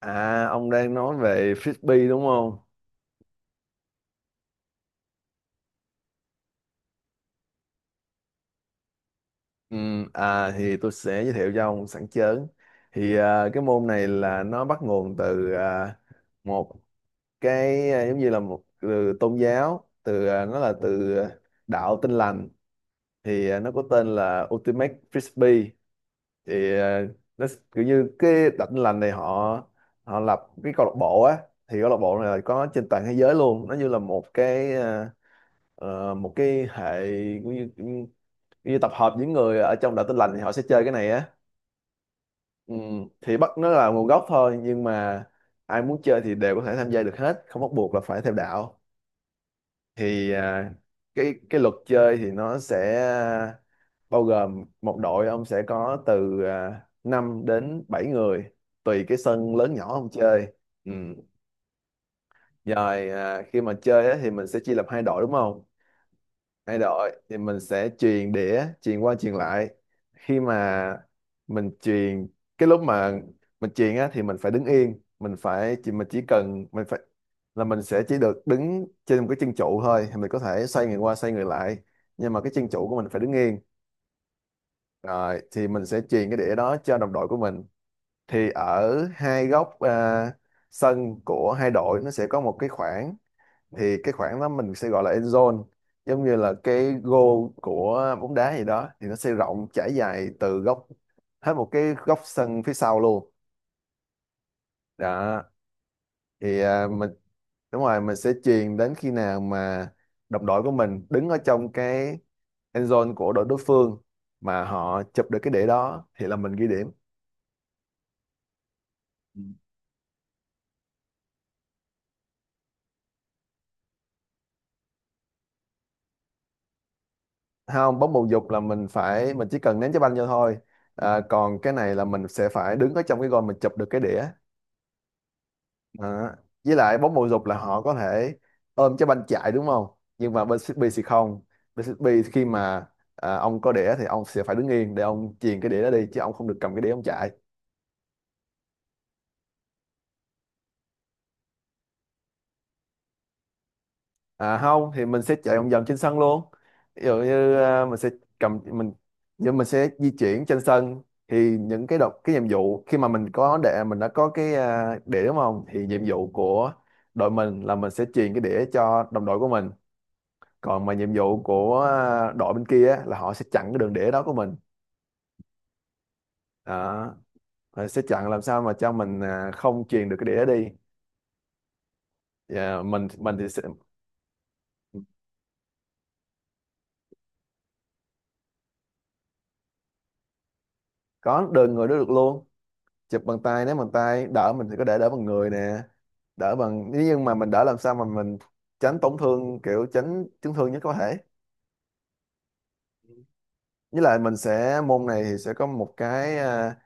À, ông đang nói về frisbee đúng không? Ừ, thì tôi sẽ giới thiệu cho ông sẵn chớn. Cái môn này là nó bắt nguồn từ một cái giống như là một từ tôn giáo, nó là đạo Tin lành. Nó có tên là Ultimate Frisbee. Thì à, nó s- kiểu như cái đạo Tin lành này họ họ lập cái câu lạc bộ á. Thì câu lạc bộ này là có trên toàn thế giới luôn. Nó như là một một cái hệ như tập hợp những người ở trong đạo tin lành thì họ sẽ chơi cái này á. Ừ, thì bắt nó là nguồn gốc thôi, nhưng mà ai muốn chơi thì đều có thể tham gia được hết, không bắt buộc là phải theo đạo. Thì cái luật chơi thì nó sẽ bao gồm một đội, ông sẽ có từ 5 đến 7 người, tùy cái sân lớn nhỏ ông chơi. Ừ, rồi khi mà chơi á, thì mình sẽ chia làm hai đội đúng không, thay đổi thì mình sẽ truyền đĩa, truyền qua truyền lại. Khi mà mình truyền, cái lúc mà mình truyền á thì mình phải đứng yên, mình phải chỉ, mình chỉ cần, mình phải là mình sẽ chỉ được đứng trên một cái chân trụ thôi, thì mình có thể xoay người qua xoay người lại, nhưng mà cái chân trụ của mình phải đứng yên. Rồi thì mình sẽ truyền cái đĩa đó cho đồng đội của mình. Thì ở hai góc sân của hai đội, nó sẽ có một cái khoảng, thì cái khoảng đó mình sẽ gọi là end zone, giống như là cái goal của bóng đá gì đó, thì nó sẽ rộng trải dài từ góc, hết một cái góc sân phía sau luôn. Đó, thì mình đúng rồi, mình sẽ chuyền đến khi nào mà đồng đội của mình đứng ở trong cái end zone của đội đối phương, mà họ chụp được cái đĩa đó thì là mình ghi điểm. Ừ, không, bóng bầu dục là mình phải, mình chỉ cần ném trái banh vô thôi, còn cái này là mình sẽ phải đứng ở trong cái gôn, mình chụp được cái đĩa. Đó. Với lại bóng bầu dục là họ có thể ôm trái banh chạy đúng không? Nhưng mà bên Frisbee thì không. Bên Frisbee thì khi mà ông có đĩa thì ông sẽ phải đứng yên để ông chuyền cái đĩa đó đi, chứ ông không được cầm cái đĩa ông chạy. À không, thì mình sẽ chạy vòng vòng trên sân luôn. Ví dụ như mình sẽ cầm mình, nhưng mình sẽ di chuyển trên sân, thì những cái đọc cái nhiệm vụ khi mà mình có đĩa, mình đã có cái đĩa đúng không? Thì nhiệm vụ của đội mình là mình sẽ truyền cái đĩa cho đồng đội của mình, còn mà nhiệm vụ của đội bên kia á, là họ sẽ chặn cái đường đĩa đó của mình. Đó, họ sẽ chặn làm sao mà cho mình không truyền được cái đĩa đi. Dạ, mình thì sẽ có đơn người đó được luôn, chụp bằng tay, nếu bằng tay đỡ mình thì có thể đỡ bằng người nè, đỡ bằng nhưng mà mình đỡ làm sao mà mình tránh tổn thương, kiểu tránh chấn thương nhất có thể. Với lại mình sẽ, môn này thì sẽ có một cái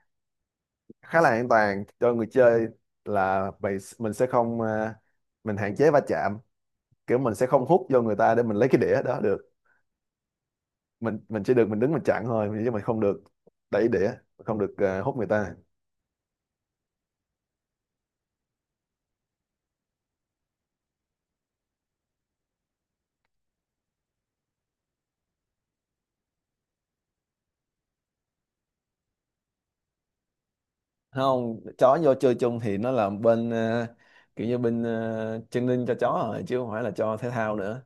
khá là an toàn cho người chơi, là mình sẽ không mình hạn chế va chạm, kiểu mình sẽ không hút vô người ta để mình lấy cái đĩa đó được. Mình chỉ được mình đứng mình chặn thôi, chứ mình không được đẩy đĩa, không được hút người ta. Không, chó vô chơi chung thì nó là bên kiểu như bên training cho chó rồi, chứ không phải là cho thể thao nữa.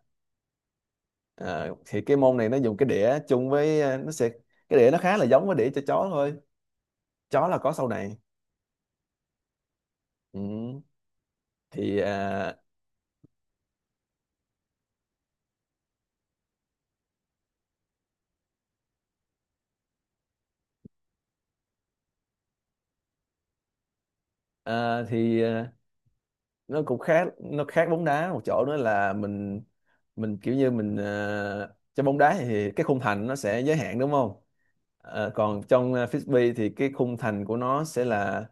Ờ, thì cái môn này nó dùng cái đĩa chung với nó sẽ, cái đĩa nó khá là giống với đĩa cho chó thôi, chó là có sau này. Ừ, thì uh, nó cũng khác, nó khác bóng đá một chỗ nữa là mình kiểu như mình trong bóng đá thì cái khung thành nó sẽ giới hạn đúng không. Ờ, còn trong frisbee thì cái khung thành của nó sẽ là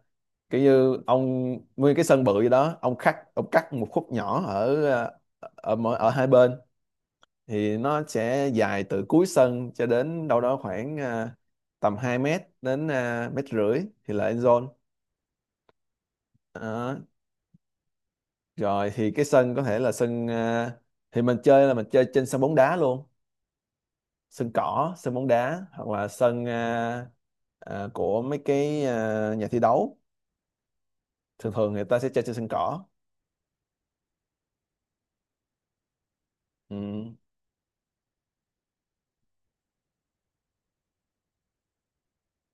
kiểu như ông nguyên cái sân bự gì đó, ông cắt, ông cắt một khúc nhỏ ở ở mỗi, ở hai bên, thì nó sẽ dài từ cuối sân cho đến đâu đó khoảng tầm 2 mét đến mét rưỡi, thì là end zone. Rồi thì cái sân có thể là sân thì mình chơi là mình chơi trên sân bóng đá luôn, sân cỏ, sân bóng đá, hoặc là sân của mấy cái nhà thi đấu. Thường thường người ta sẽ chơi trên sân cỏ. Ừ,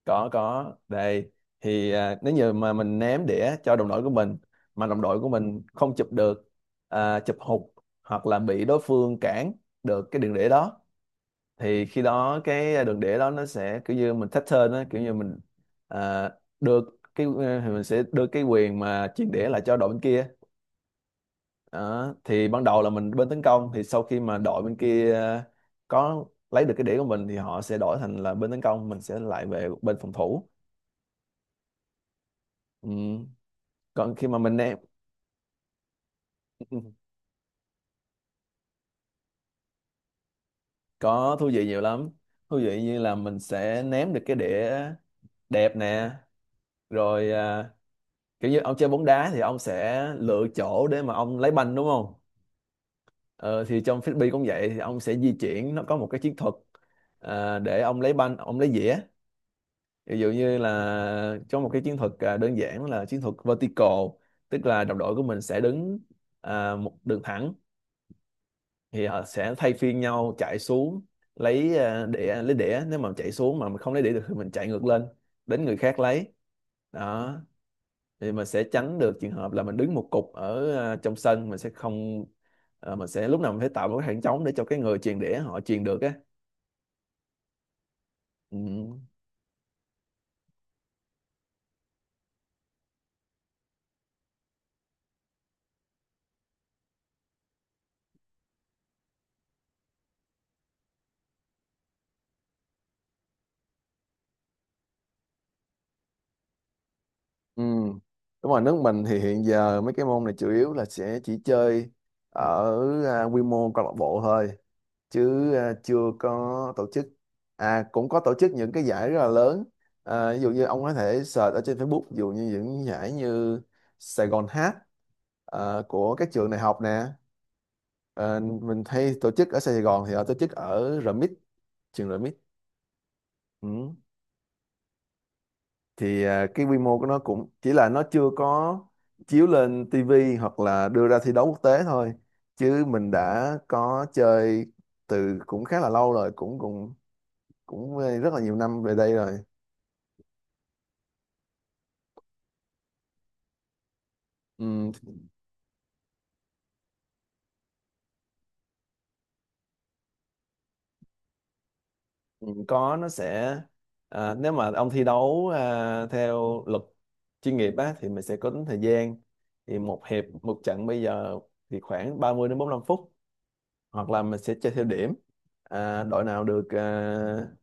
có đây. Thì nếu như mà mình ném đĩa cho đồng đội của mình, mà đồng đội của mình không chụp được, chụp hụt, hoặc là bị đối phương cản được cái đường đĩa đó, thì khi đó cái đường đĩa đó nó sẽ kiểu như mình pattern á, kiểu như mình à, đưa cái thì mình sẽ đưa cái quyền mà chuyển đĩa lại cho đội bên kia. Đó, thì ban đầu là mình bên tấn công, thì sau khi mà đội bên kia có lấy được cái đĩa của mình thì họ sẽ đổi thành là bên tấn công, mình sẽ lại về bên phòng thủ. Ừ, còn khi mà mình ném có thú vị nhiều lắm, thú vị như là mình sẽ ném được cái đĩa đẹp nè, rồi kiểu như ông chơi bóng đá thì ông sẽ lựa chỗ để mà ông lấy banh đúng không. Ờ, thì trong frisbee cũng vậy, thì ông sẽ di chuyển, nó có một cái chiến thuật để ông lấy banh, ông lấy dĩa. Ví dụ như là trong một cái chiến thuật đơn giản là chiến thuật vertical, tức là đồng đội của mình sẽ đứng một đường thẳng, thì họ sẽ thay phiên nhau chạy xuống lấy đĩa, lấy đĩa, nếu mà chạy xuống mà mình không lấy đĩa được thì mình chạy ngược lên, đến người khác lấy. Đó, thì mình sẽ tránh được trường hợp là mình đứng một cục ở trong sân, mình sẽ không mình sẽ lúc nào mình phải tạo một cái khoảng trống để cho cái người truyền đĩa họ truyền được á. Ừ. Ừ. Đúng rồi, nước mình thì hiện giờ mấy cái môn này chủ yếu là sẽ chỉ chơi ở quy mô câu lạc bộ thôi. Chứ chưa có tổ chức, à cũng có tổ chức những cái giải rất là lớn. Ví dụ như ông có thể search ở trên Facebook, ví dụ như những giải như Sài Gòn Hát của các trường đại học nè. Ờ, mình hay tổ chức ở Sài Gòn thì họ tổ chức ở RMIT, trường RMIT. Ừ, cái quy mô của nó cũng chỉ là, nó chưa có chiếu lên TV hoặc là đưa ra thi đấu quốc tế thôi, chứ mình đã có chơi từ cũng khá là lâu rồi, cũng cũng cũng rất là nhiều năm về đây rồi. Ừm, có, nó sẽ nếu mà ông thi đấu theo luật chuyên nghiệp á thì mình sẽ có tính thời gian, thì một hiệp, một trận bây giờ thì khoảng 30 đến 45 phút, hoặc là mình sẽ chơi theo điểm. Đội nào được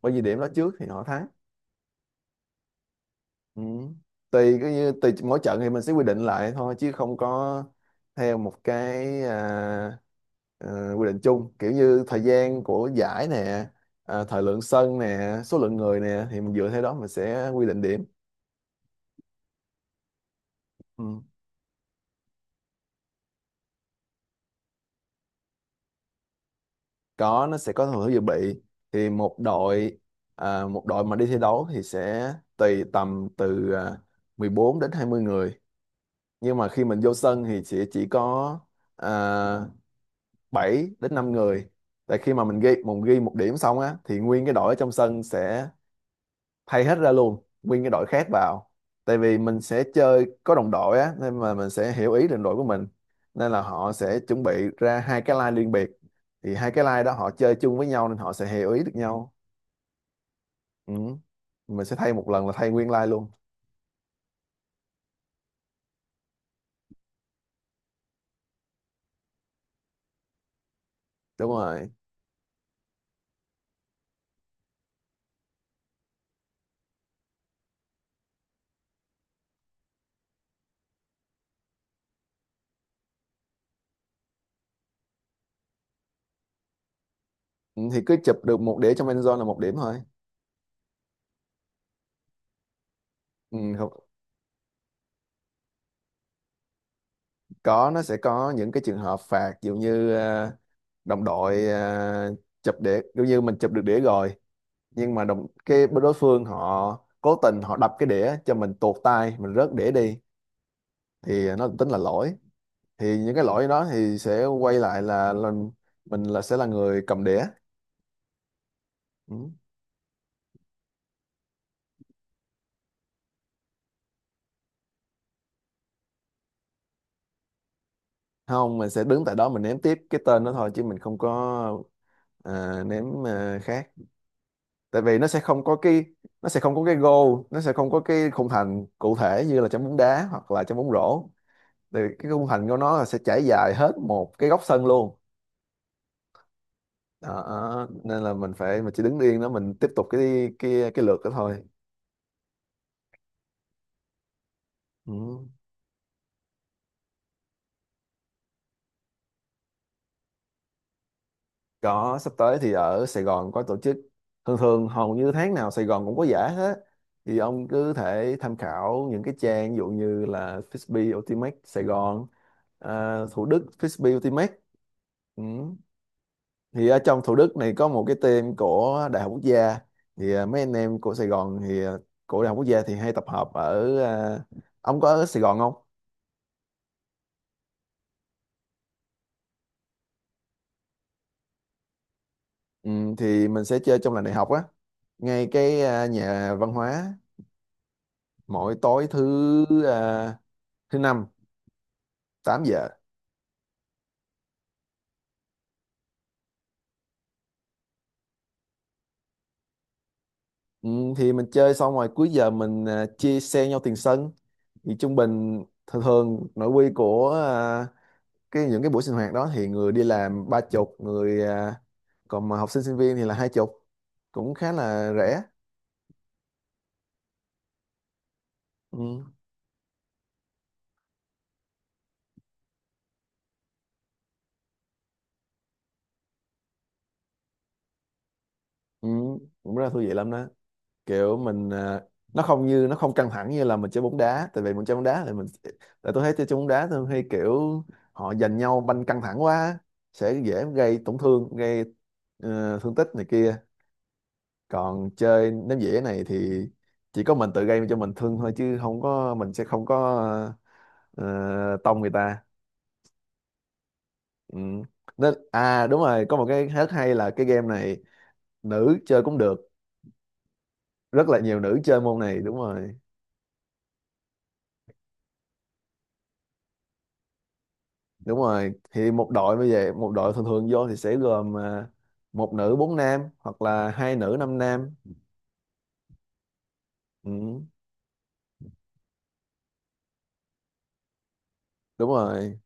bao nhiêu điểm đó trước thì họ thắng. Ừ. Tùy cái, như tùy mỗi trận thì mình sẽ quy định lại thôi, chứ không có theo một cái quy định chung, kiểu như thời gian của giải nè, thời lượng sân nè, số lượng người nè, thì mình dựa theo đó mình sẽ quy định điểm. Ừ, có, nó sẽ có thường hướng dự bị. Thì một đội, một đội mà đi thi đấu thì sẽ tùy tầm từ 14 đến 20 người, nhưng mà khi mình vô sân thì sẽ chỉ có à, 7 đến 5 người. Tại khi mà mình ghi, mình ghi một điểm xong á thì nguyên cái đội ở trong sân sẽ thay hết ra luôn, nguyên cái đội khác vào, tại vì mình sẽ chơi có đồng đội á, nên mà mình sẽ hiểu ý đồng đội của mình, nên là họ sẽ chuẩn bị ra hai cái line riêng biệt, thì hai cái line đó họ chơi chung với nhau nên họ sẽ hiểu ý được nhau. Ừ. Mình sẽ thay một lần là thay nguyên line luôn. Đúng rồi. Ừ, thì cứ chụp được một đĩa trong end zone là một điểm thôi. Ừ, không. Có, nó sẽ có những cái trường hợp phạt, ví dụ như đồng đội chụp đĩa, ví dụ như mình chụp được đĩa rồi nhưng mà đồng cái bên đối phương họ cố tình họ đập cái đĩa cho mình tuột tay, mình rớt đĩa đi thì nó tính là lỗi. Thì những cái lỗi đó thì sẽ quay lại là mình là sẽ là người cầm đĩa. Ừ. Không, mình sẽ đứng tại đó mình ném tiếp cái tên đó thôi chứ mình không có ném khác. Tại vì nó sẽ không có cái goal, nó sẽ không có cái khung thành cụ thể như là trong bóng đá hoặc là trong bóng rổ. Thì cái khung thành của nó là sẽ trải dài hết một cái góc sân luôn. Đó, nên là mình phải mình chỉ đứng yên đó mình tiếp tục cái lượt đó thôi. Ừ. Có, sắp tới thì ở Sài Gòn có tổ chức. Thường thường hầu như tháng nào Sài Gòn cũng có giải hết. Thì ông cứ thể tham khảo những cái trang, ví dụ như là Frisbee Ultimate Sài Gòn, à, Thủ Đức Frisbee Ultimate. Ừ. Thì ở trong Thủ Đức này có một cái team của Đại học Quốc gia. Thì à, mấy anh em của Sài Gòn thì à, của Đại học Quốc gia thì hay tập hợp ở à, ông có ở Sài Gòn không? Ừ, thì mình sẽ chơi trong làng đại học á, ngay cái à, nhà văn hóa, mỗi tối thứ năm, 8 giờ. Ừ, thì mình chơi xong rồi cuối giờ mình à, chia xe nhau tiền sân. Thì trung bình thường thường nội quy của à, cái những cái buổi sinh hoạt đó thì người đi làm 30, người à, còn mà học sinh sinh viên thì là 20. Cũng khá là rẻ. Ừ. Ừ. Cũng rất là thú vị lắm đó. Kiểu mình à, nó không căng thẳng như là mình chơi bóng đá. Tại vì mình chơi bóng đá thì mình, tại tôi thấy chơi chơi bóng đá thường hay kiểu họ giành nhau banh căng thẳng quá, sẽ dễ gây tổn thương, gây thương tích này kia. Còn chơi ném dĩa này thì chỉ có mình tự gây cho mình thương thôi, chứ không có, mình sẽ không có ờ, tông người ta. Ừ. Nên à đúng rồi, có một cái rất hay là cái game này, nữ chơi cũng được, rất là nhiều nữ chơi môn này. Đúng rồi. Đúng rồi, thì một đội, bây giờ một đội thường thường vô thì sẽ gồm à, một nữ bốn nam hoặc là hai nữ năm nam. Ừ, đúng rồi.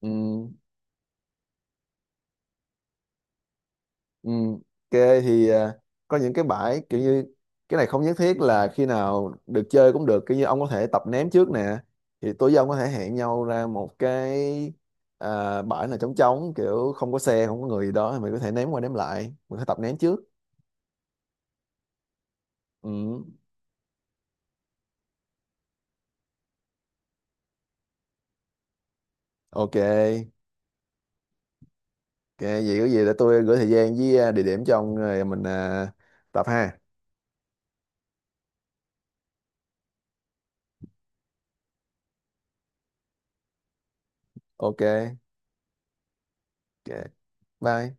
Ừ. Ừ, ok thì à, có những cái bãi kiểu như cái này không nhất thiết là khi nào được chơi cũng được, kiểu như ông có thể tập ném trước nè. Thì tối với ông có thể hẹn nhau ra một cái à, bãi nào trống trống, kiểu không có xe không có người gì đó, thì mình có thể ném qua ném lại, mình có thể tập ném trước. Ừ, ok ok. Vậy có gì để tôi gửi thời gian với à, địa điểm cho ông rồi mình à, tập ha. Ok ok bye.